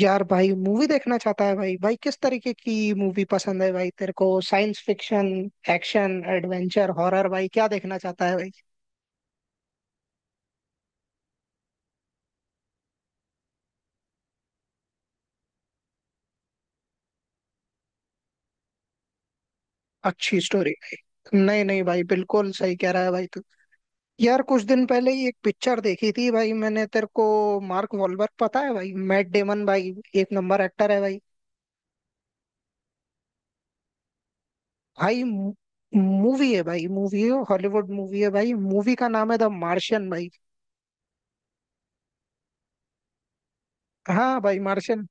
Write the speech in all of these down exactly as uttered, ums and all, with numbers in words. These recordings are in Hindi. यार भाई मूवी देखना चाहता है। भाई भाई किस तरीके की मूवी पसंद है भाई तेरे को? Science fiction, action, adventure, horror, भाई क्या देखना चाहता है भाई? अच्छी स्टोरी। नहीं नहीं भाई, बिल्कुल सही कह रहा है भाई तू। यार कुछ दिन पहले ही एक पिक्चर देखी थी भाई मैंने तेरे को। मार्क वॉलबर्ग पता है भाई, मैट डेमन भाई, एक नंबर एक्टर है भाई। भाई मूवी है भाई, मूवी है, हॉलीवुड मूवी है भाई, मूवी का नाम है द मार्शियन भाई। हाँ भाई, मार्शियन।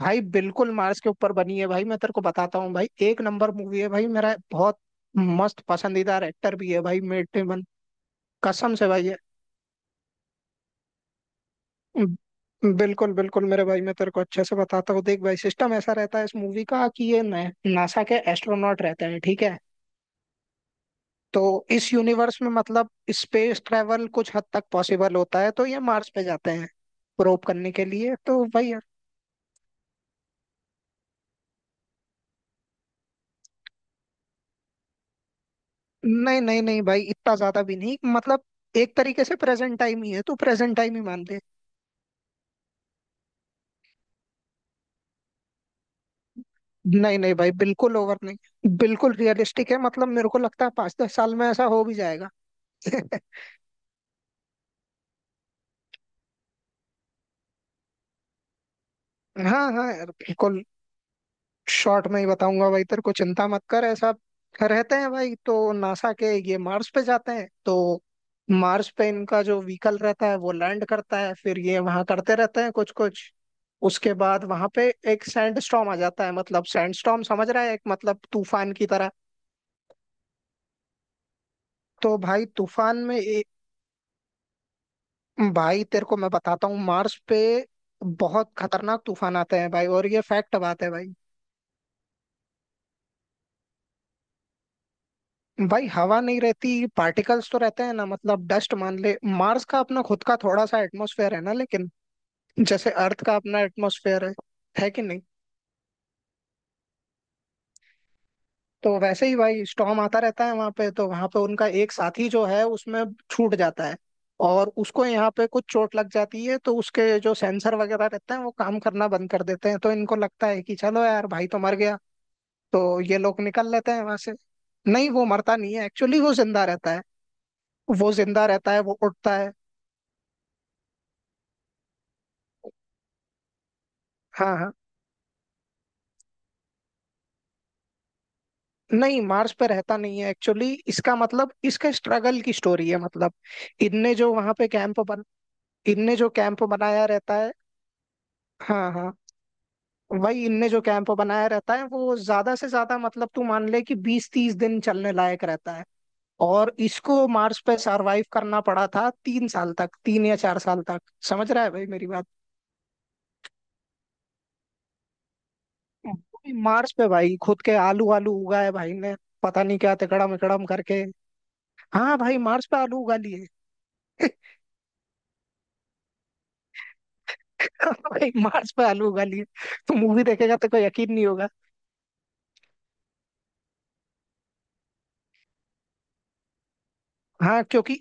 भाई बिल्कुल मार्स के ऊपर बनी है भाई, मैं तेरे को बताता हूँ भाई, एक नंबर मूवी है भाई, मेरा बहुत मस्त पसंदीदार एक्टर भी है भाई मेट डेमन। कसम से भाई है। बिल्कुल बिल्कुल मेरे भाई, मैं तेरे को अच्छे से बताता हूँ, देख भाई, सिस्टम ऐसा रहता है इस मूवी का कि ये नासा के एस्ट्रोनॉट रहते हैं, ठीक है। तो इस यूनिवर्स में मतलब स्पेस ट्रेवल कुछ हद तक पॉसिबल होता है, तो ये मार्स पे जाते हैं प्रोब करने के लिए तो भाई। नहीं नहीं नहीं भाई, इतना ज्यादा भी नहीं, मतलब एक तरीके से प्रेजेंट टाइम ही है, तो प्रेजेंट टाइम ही मान ले। नहीं नहीं भाई, बिल्कुल ओवर नहीं, बिल्कुल रियलिस्टिक है, मतलब मेरे को लगता है पाँच दस साल में ऐसा हो भी जाएगा। हाँ हाँ यार, बिल्कुल शॉर्ट में ही बताऊंगा भाई तेरे को, चिंता मत कर। ऐसा रहते हैं भाई, तो नासा के ये मार्स पे जाते हैं, तो मार्स पे इनका जो व्हीकल रहता है वो लैंड करता है, फिर ये वहां करते रहते हैं कुछ कुछ। उसके बाद वहां पे एक सैंडस्टॉर्म आ जाता है, मतलब सैंडस्टॉर्म समझ रहा है, एक मतलब तूफान की तरह। तो भाई तूफान में ए, भाई तेरे को मैं बताता हूँ, मार्स पे बहुत खतरनाक तूफान आते हैं भाई, और ये फैक्ट बात है भाई। भाई हवा नहीं रहती, पार्टिकल्स तो रहते हैं ना, मतलब डस्ट मान ले। मार्स का अपना खुद का थोड़ा सा एटमॉस्फेयर है ना, लेकिन जैसे अर्थ का अपना एटमॉस्फेयर है है कि नहीं? तो वैसे ही भाई स्टॉर्म आता रहता है वहां पे, तो वहां पे उनका एक साथी जो है उसमें छूट जाता है, और उसको यहाँ पे कुछ चोट लग जाती है, तो उसके जो सेंसर वगैरह रहते हैं वो काम करना बंद कर देते हैं, तो इनको लगता है कि चलो यार भाई तो मर गया। तो ये लोग निकल लेते हैं वहां से। नहीं वो मरता नहीं है, एक्चुअली वो जिंदा रहता है, वो जिंदा रहता है, वो उठता है। हाँ हाँ। नहीं मार्स पे रहता नहीं है एक्चुअली, इसका मतलब इसका स्ट्रगल की स्टोरी है, मतलब इनने जो वहां पे कैंप बन, इनने जो कैंप बनाया रहता है। हाँ हाँ। वही इनने जो कैंप बनाया रहता है वो ज्यादा से ज्यादा, मतलब तू मान ले कि बीस तीस दिन चलने लायक रहता है, और इसको मार्स पे सरवाइव करना पड़ा था तीन साल तक, तीन या चार साल तक। समझ रहा है भाई मेरी बात? वो भी मार्स पे भाई, खुद के आलू आलू उगाए भाई ने, पता नहीं क्या तिकड़म इकड़म करके। हाँ भाई, मार्स पे आलू उगा लिए। भाई मार्स पे आलू उगा लिए। तो मूवी देखेगा तो कोई यकीन नहीं होगा। हाँ, क्योंकि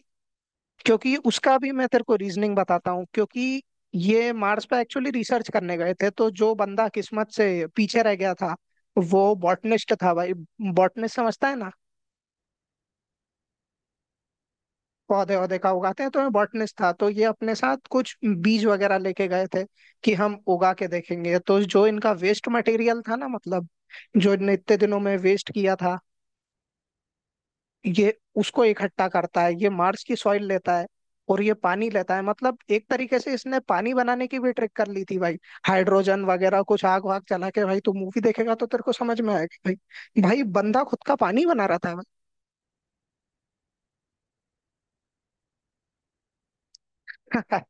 क्योंकि उसका भी मैं तेरे को रीजनिंग बताता हूँ, क्योंकि ये मार्स पे एक्चुअली रिसर्च करने गए थे, तो जो बंदा किस्मत से पीछे रह गया था वो बॉटनिस्ट था भाई। बॉटनिस्ट समझता है ना, पौधे वौधे का उगाते हैं, तो ये बॉटनिस्ट था, तो ये अपने साथ कुछ बीज वगैरह लेके गए थे कि हम उगा के देखेंगे। तो जो इनका वेस्ट मटेरियल था ना, मतलब जो इनने इतने दिनों में वेस्ट किया था, ये उसको इकट्ठा करता है, ये मार्स की सॉइल लेता है और ये पानी लेता है, मतलब एक तरीके से इसने पानी बनाने की भी ट्रिक कर ली थी भाई, हाइड्रोजन वगैरह कुछ आग वाग जला के। भाई तू मूवी देखेगा तो तेरे को समझ में आएगा भाई, भाई बंदा खुद का पानी बना रहा था भाई।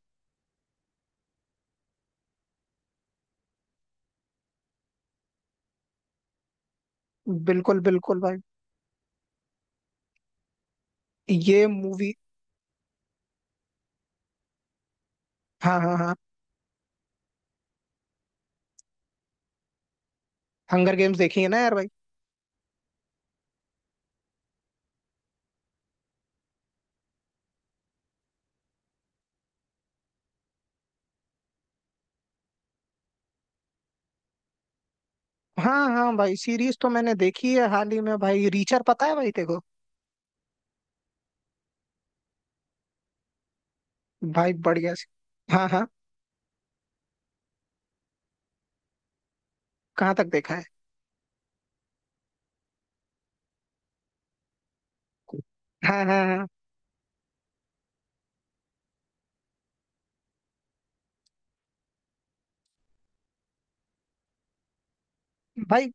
बिल्कुल बिल्कुल भाई ये मूवी। हाँ हाँ हाँ, हंगर गेम्स देखी है ना यार भाई। हाँ हाँ भाई, सीरीज तो मैंने देखी है हाल ही में भाई, रीचर पता है भाई तेरे को? भाई बढ़िया सी। हाँ हाँ, कहाँ तक देखा है? हाँ हाँ हाँ भाई।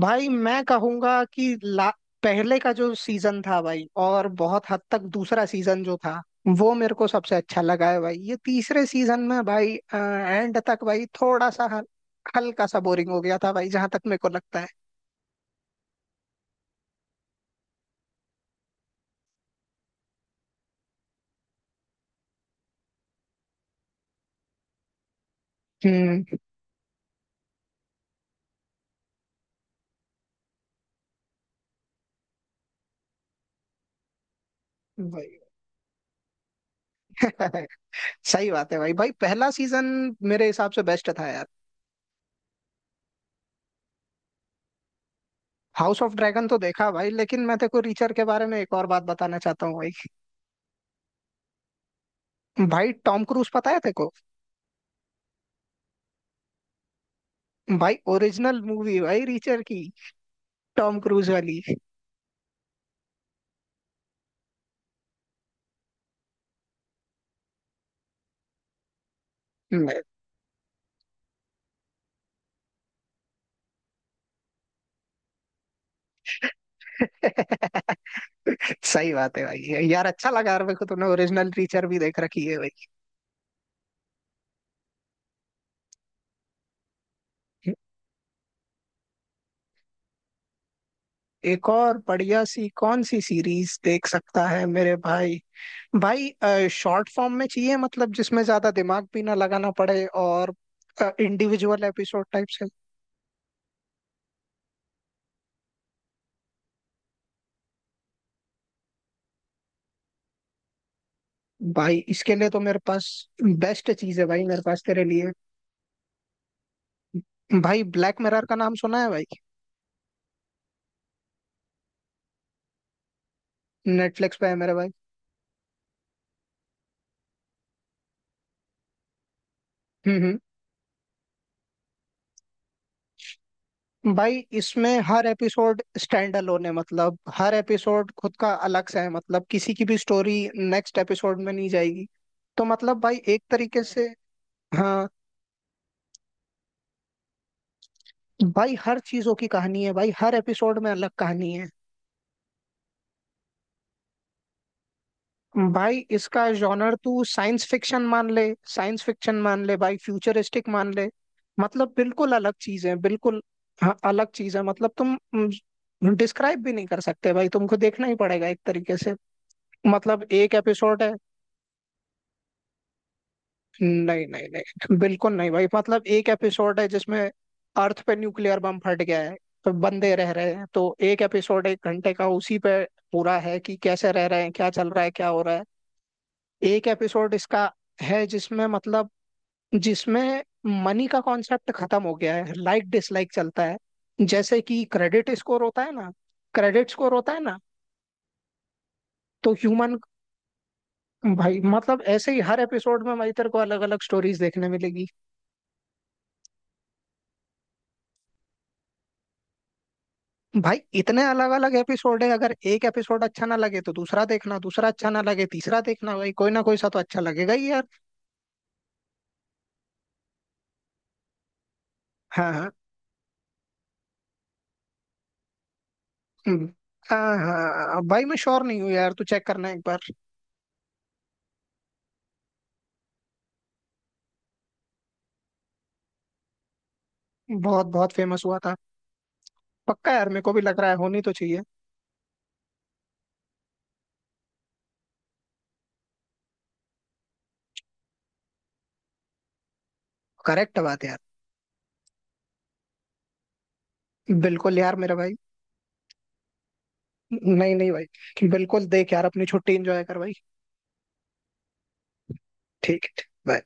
भाई मैं कहूंगा कि ला, पहले का जो सीजन था भाई, और बहुत हद तक दूसरा सीजन जो था, वो मेरे को सबसे अच्छा लगा है भाई। ये तीसरे सीजन में भाई एंड तक भाई थोड़ा सा हल, हल्का सा बोरिंग हो गया था भाई, जहां तक मेरे को लगता है। हम्म। भाई सही बात है भाई, भाई पहला सीजन मेरे हिसाब से बेस्ट था यार। हाउस ऑफ ड्रैगन तो देखा भाई, लेकिन मैं तेको रीचर के बारे में एक और बात बताना चाहता हूँ भाई। भाई टॉम क्रूज पता है तेको? भाई ओरिजिनल मूवी भाई रीचर की, टॉम क्रूज वाली। सही बात है भाई, यार अच्छा लगा यार मेरे को तुमने ओरिजिनल टीचर भी देख रखी है भाई। एक और बढ़िया सी कौन सी सीरीज देख सकता है मेरे भाई? भाई शॉर्ट फॉर्म में चाहिए, मतलब जिसमें ज्यादा दिमाग भी ना लगाना पड़े, और इंडिविजुअल एपिसोड टाइप से। भाई इसके लिए तो मेरे पास बेस्ट चीज है भाई, मेरे पास तेरे लिए। भाई ब्लैक मिरर का नाम सुना है भाई? नेटफ्लिक्स पे है मेरे भाई। हम्म हम्म। भाई इसमें हर एपिसोड स्टैंड अलोन है, मतलब हर एपिसोड खुद का अलग सा है, मतलब किसी की भी स्टोरी नेक्स्ट एपिसोड में नहीं जाएगी, तो मतलब भाई एक तरीके से। हाँ। भाई हर चीजों की कहानी है भाई, हर एपिसोड में अलग कहानी है। भाई इसका जॉनर तू साइंस फिक्शन मान ले, साइंस फिक्शन मान ले भाई, फ्यूचरिस्टिक मान ले, मतलब बिल्कुल अलग चीज है बिल्कुल। हाँ अलग चीज है, मतलब तुम डिस्क्राइब भी नहीं कर सकते भाई, तुमको देखना ही पड़ेगा एक तरीके से। मतलब एक एपिसोड है। नहीं नहीं नहीं, बिल्कुल नहीं भाई, मतलब एक एपिसोड है जिसमें अर्थ पे न्यूक्लियर बम फट गया है, तो बंदे रह रहे हैं, तो एक एपिसोड एक घंटे का उसी पे पूरा है कि कैसे रह रहे हैं, क्या चल रहा है, क्या हो रहा है। एक एपिसोड इसका है जिसमें मतलब, जिसमें मनी का कॉन्सेप्ट खत्म हो गया है, लाइक डिसलाइक चलता है, जैसे कि क्रेडिट स्कोर होता है ना, क्रेडिट स्कोर होता है ना। तो ह्यूमन, भाई मतलब ऐसे ही हर एपिसोड में भाई तेरे को अलग अलग स्टोरीज देखने मिलेगी। भाई इतने अलग अलग एपिसोड है, अगर एक एपिसोड अच्छा ना लगे तो दूसरा देखना, दूसरा अच्छा ना लगे तीसरा देखना, भाई कोई ना कोई सा तो अच्छा लगेगा ही यार। हाँ हाँ। हम्म। हाँ हाँ भाई, मैं श्योर नहीं हूँ यार, तू चेक करना एक बार। बहुत बहुत फेमस हुआ था। पक्का यार, मेरे को भी लग रहा है, होनी तो चाहिए। करेक्ट बात है यार। बिल्कुल यार मेरा भाई। नहीं नहीं भाई, बिल्कुल देख यार अपनी छुट्टी एंजॉय कर भाई। ठीक है bye।